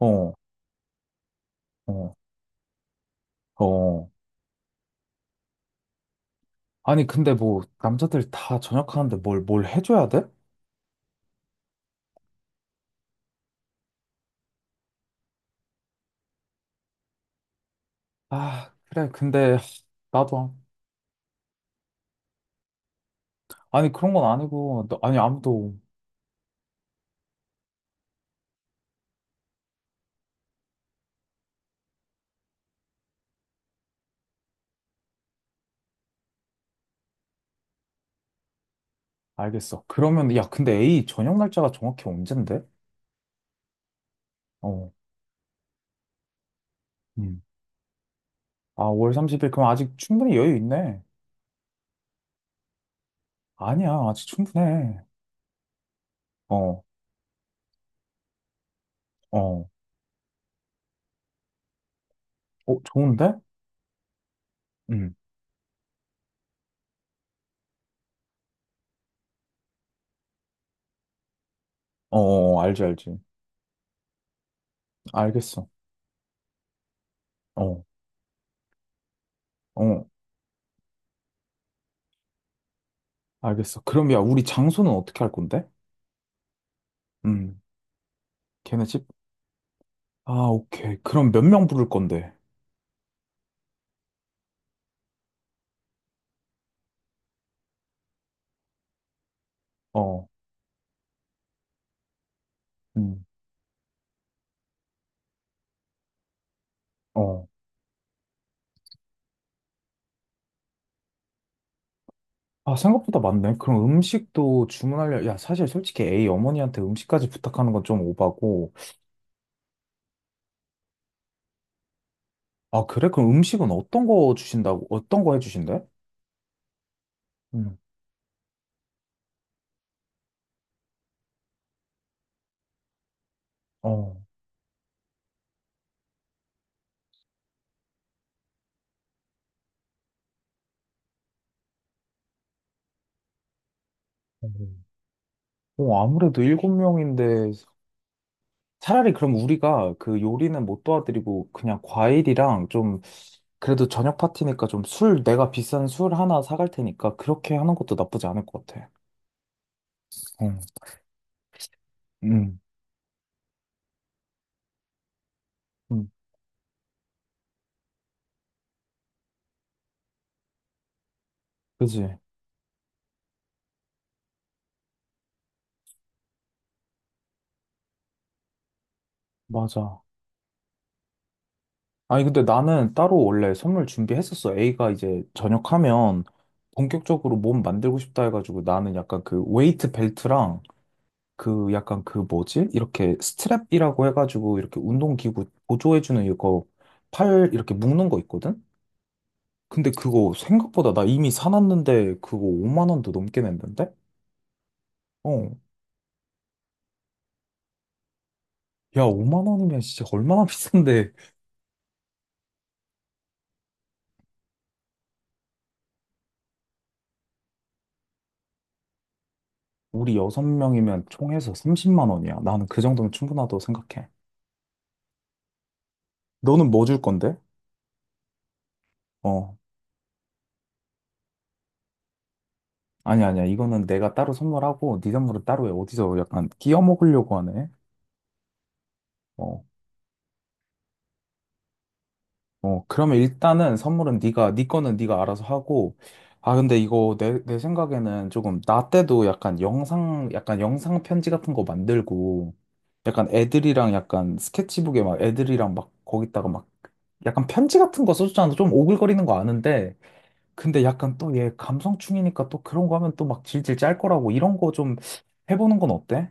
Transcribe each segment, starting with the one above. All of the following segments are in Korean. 어, 어, 어. 아니, 근데 뭐, 남자들 다 전역하는데 뭘 해줘야 돼? 아, 그래, 근데, 나도, 아니, 그런 건 아니고, 아니, 아무도, 알겠어. 그러면, 야, 근데 A 저녁 날짜가 정확히 언젠데? 어, 음. 아, 5월 30일, 그럼 아직 충분히 여유 있네. 아니야, 아직 충분해. 어, 어, 어, 좋은데? 응, 어, 어, 어. 알지, 알지. 알겠어. 어, 어, 알겠어. 그럼, 야, 우리 장소는 어떻게 할 건데? 음. 걔네 아, 오케이. 그럼 몇 명 부를 건데? 어, 음, 어. 아, 생각보다 많네. 그럼 음식도 주문하려, 야, 사실 솔직히 A 어머니한테 음식까지 부탁하는 건 좀 오바고. 아, 그래? 그럼 음식은 어떤 거 주신다고, 어떤 거 해주신대? 음, 어. 음. 어, 아무래도 일곱 명인데, 차라리 그럼 우리가 그 요리는 못 도와드리고, 그냥 과일이랑 좀, 그래도 저녁 파티니까 좀 술, 내가 비싼 술 하나 사갈 테니까, 그렇게 하는 것도 나쁘지 않을 것 같아. 어, 음, 음, 그지? 맞아. 아니, 근데 나는 따로 원래 선물 준비했었어. A가 이제 전역하면 본격적으로 몸 만들고 싶다 해가지고 나는 약간 그 웨이트 벨트랑 그 약간 그 뭐지? 이렇게 스트랩이라고 해가지고 이렇게 운동기구 보조해주는 이거 팔 이렇게 묶는 거 있거든? 근데 그거 생각보다 나 이미 사놨는데 그거 5만 원도 넘게 냈는데? 어. 야, 5만 원이면 진짜 얼마나 비싼데. 우리 여섯 명이면 총해서 30만 원이야. 나는 그 정도면 충분하다고 생각해. 너는 뭐 줄 건데? 어. 아니, 아니야. 이거는 내가 따로 선물하고, 네 선물은 따로 해. 어디서 약간 끼워 먹으려고 하네. 어. 어. 그러면 일단은 선물은 네가, 네 거는 네가 알아서 하고, 아, 근데 이거 내 생각에는 조금, 나 때도 약간 영상 편지 같은 거 만들고, 약간 애들이랑 약간 스케치북에 막 애들이랑 막 거기다가 막 약간 편지 같은 거 써주잖아. 좀 오글거리는 거 아는데, 근데 약간 또 얘 감성충이니까 또 그런 거 하면 또 막 질질 짤 거라고 이런 거 좀 해보는 건 어때?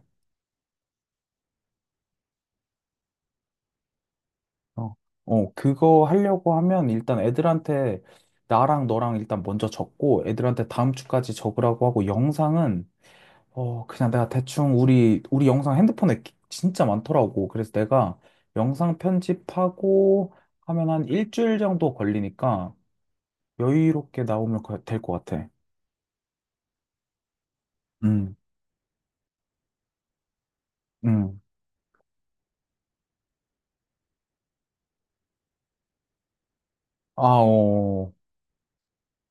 어, 어, 그거 하려고 하면 일단 애들한테 나랑 너랑 일단 먼저 적고 애들한테 다음 주까지 적으라고 하고 영상은 그냥 내가 대충 우리 영상 핸드폰에 진짜 많더라고. 그래서 내가 영상 편집하고 하면 한 일주일 정도 걸리니까 여유롭게 나오면 될 것 같아. 음, 음. 아, 어,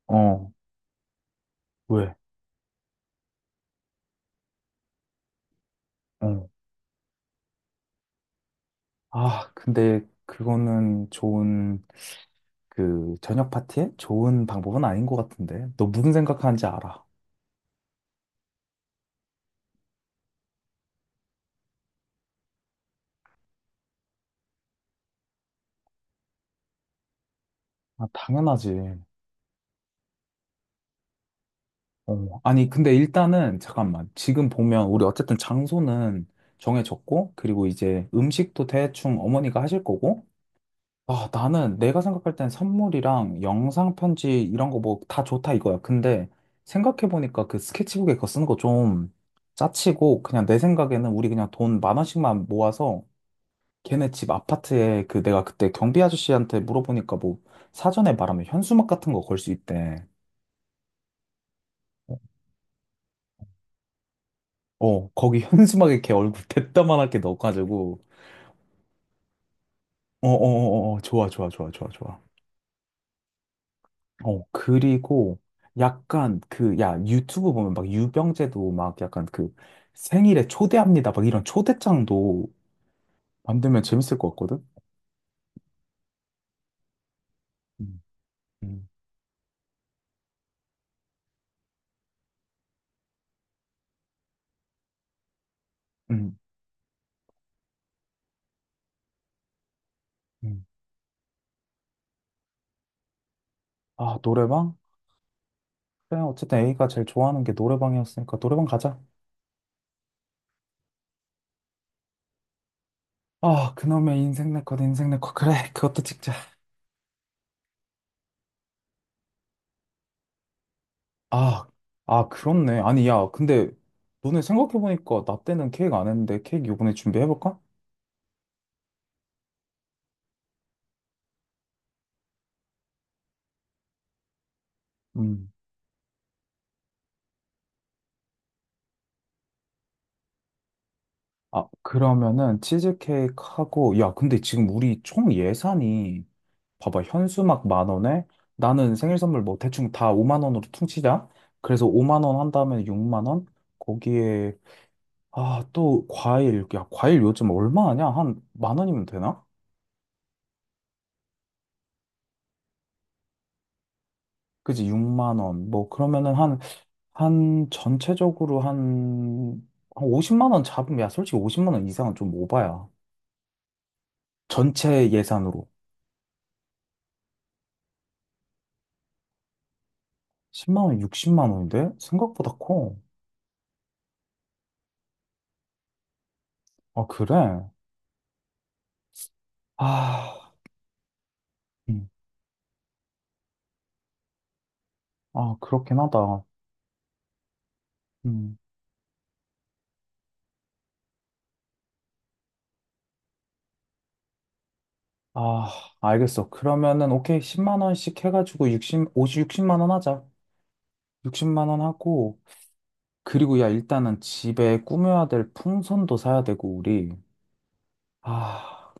어, 왜? 어. 아, 근데 그거는 좋은, 그, 저녁 파티에 좋은 방법은 아닌 것 같은데. 너 무슨 생각하는지 알아? 아, 당연하지. 어. 아니, 근데 일단은, 잠깐만. 지금 보면, 우리 어쨌든 장소는 정해졌고, 그리고 이제 음식도 대충 어머니가 하실 거고, 아, 나는 내가 생각할 땐 선물이랑 영상 편지 이런 거 뭐 다 좋다 이거야. 근데 생각해보니까 그 스케치북에 그거 쓰는 거 좀 짜치고, 그냥 내 생각에는 우리 그냥 돈 만 원씩만 모아서 걔네 집 아파트에 그 내가 그때 경비 아저씨한테 물어보니까 뭐 사전에 말하면 현수막 같은 거 걸 수 있대. 어, 거기 현수막에 걔 얼굴 대따만하게 넣어가지고. 어, 어, 어, 어, 어. 좋아, 좋아, 좋아, 좋아, 좋아. 어, 그리고 약간 그, 야, 유튜브 보면 막 유병재도 막 약간 그 생일에 초대합니다. 막 이런 초대장도 만들면 재밌을 것 같거든? 음, 음, 음. 음. 아, 노래방? 그래, 어쨌든 A가 제일 좋아하는 게 노래방이었으니까 노래방 가자. 아, 그놈의 인생 네컷, 인생 네컷. 그래, 그것도 찍자. 아, 아, 그렇네. 아니, 야, 근데 너네 생각해보니까 나 때는 케이크 안 했는데 케이크 요번에 준비해볼까? 음. 아, 그러면은 치즈케이크 하고, 야, 근데 지금 우리 총 예산이, 봐봐, 현수막 만 원에 나는 생일 선물 뭐 대충 다 5만 원으로 퉁치자. 그래서 5만 원 한다면 6만 원? 거기에, 아, 또 과일. 야, 과일 요즘 얼마 하냐? 한 만 원이면 되나? 그지, 6만 원. 뭐, 그러면은 한, 전체적으로 한 50만 원 잡으면, 야, 솔직히 50만 원 이상은 좀 오바야. 전체 예산으로. 10만 원, 60만 원인데? 생각보다 커. 아, 그래? 아, 음. 아, 그렇긴 하다. 음. 아, 알겠어. 그러면은, 오케이. 10만 원씩 해가지고 60, 50 60만 원 하자. 60만 원 하고, 그리고 야, 일단은 집에 꾸며야 될 풍선도 사야 되고, 우리. 아.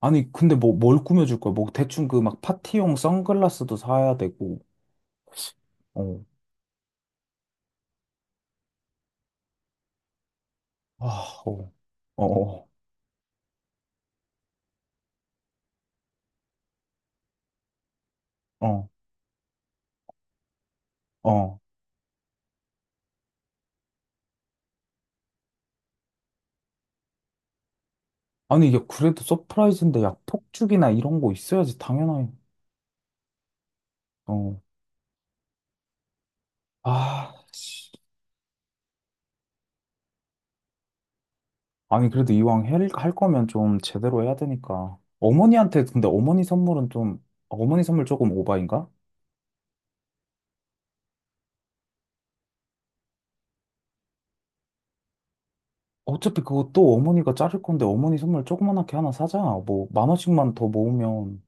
아니, 근데 뭘 꾸며줄 거야? 뭐, 대충 그 막 파티용 선글라스도 사야 되고, 어, 아, 어, 어, 어, 어. 아니, 야, 그래도 서프라이즈인데, 야, 폭죽이나 이런 거 있어야지, 당연하게. 어, 아, 씨. 아니, 그래도 이왕 할 거면 좀 제대로 해야 되니까. 어머니한테, 근데 어머니 선물은 좀, 어머니 선물 조금 오바인가? 어차피 그거 또 어머니가 자를 건데, 어머니 선물 조그만하게 하나 사자. 뭐, 만 원씩만 더 모으면.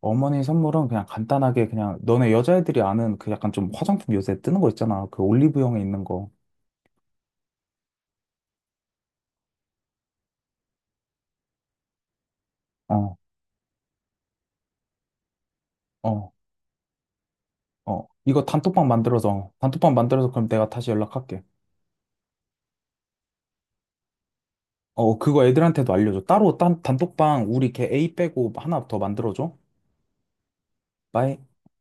어머니 선물은 그냥 간단하게 그냥 너네 여자애들이 아는 그 약간 좀 화장품 요새 뜨는 거 있잖아. 그 올리브영에 있는 거. 어, 어, 어. 이거 단톡방 만들어서 그럼 내가 다시 연락할게. 어, 그거 애들한테도 알려줘. 따로 단톡방 우리 걔 A 빼고 하나 더 만들어줘. 빠이.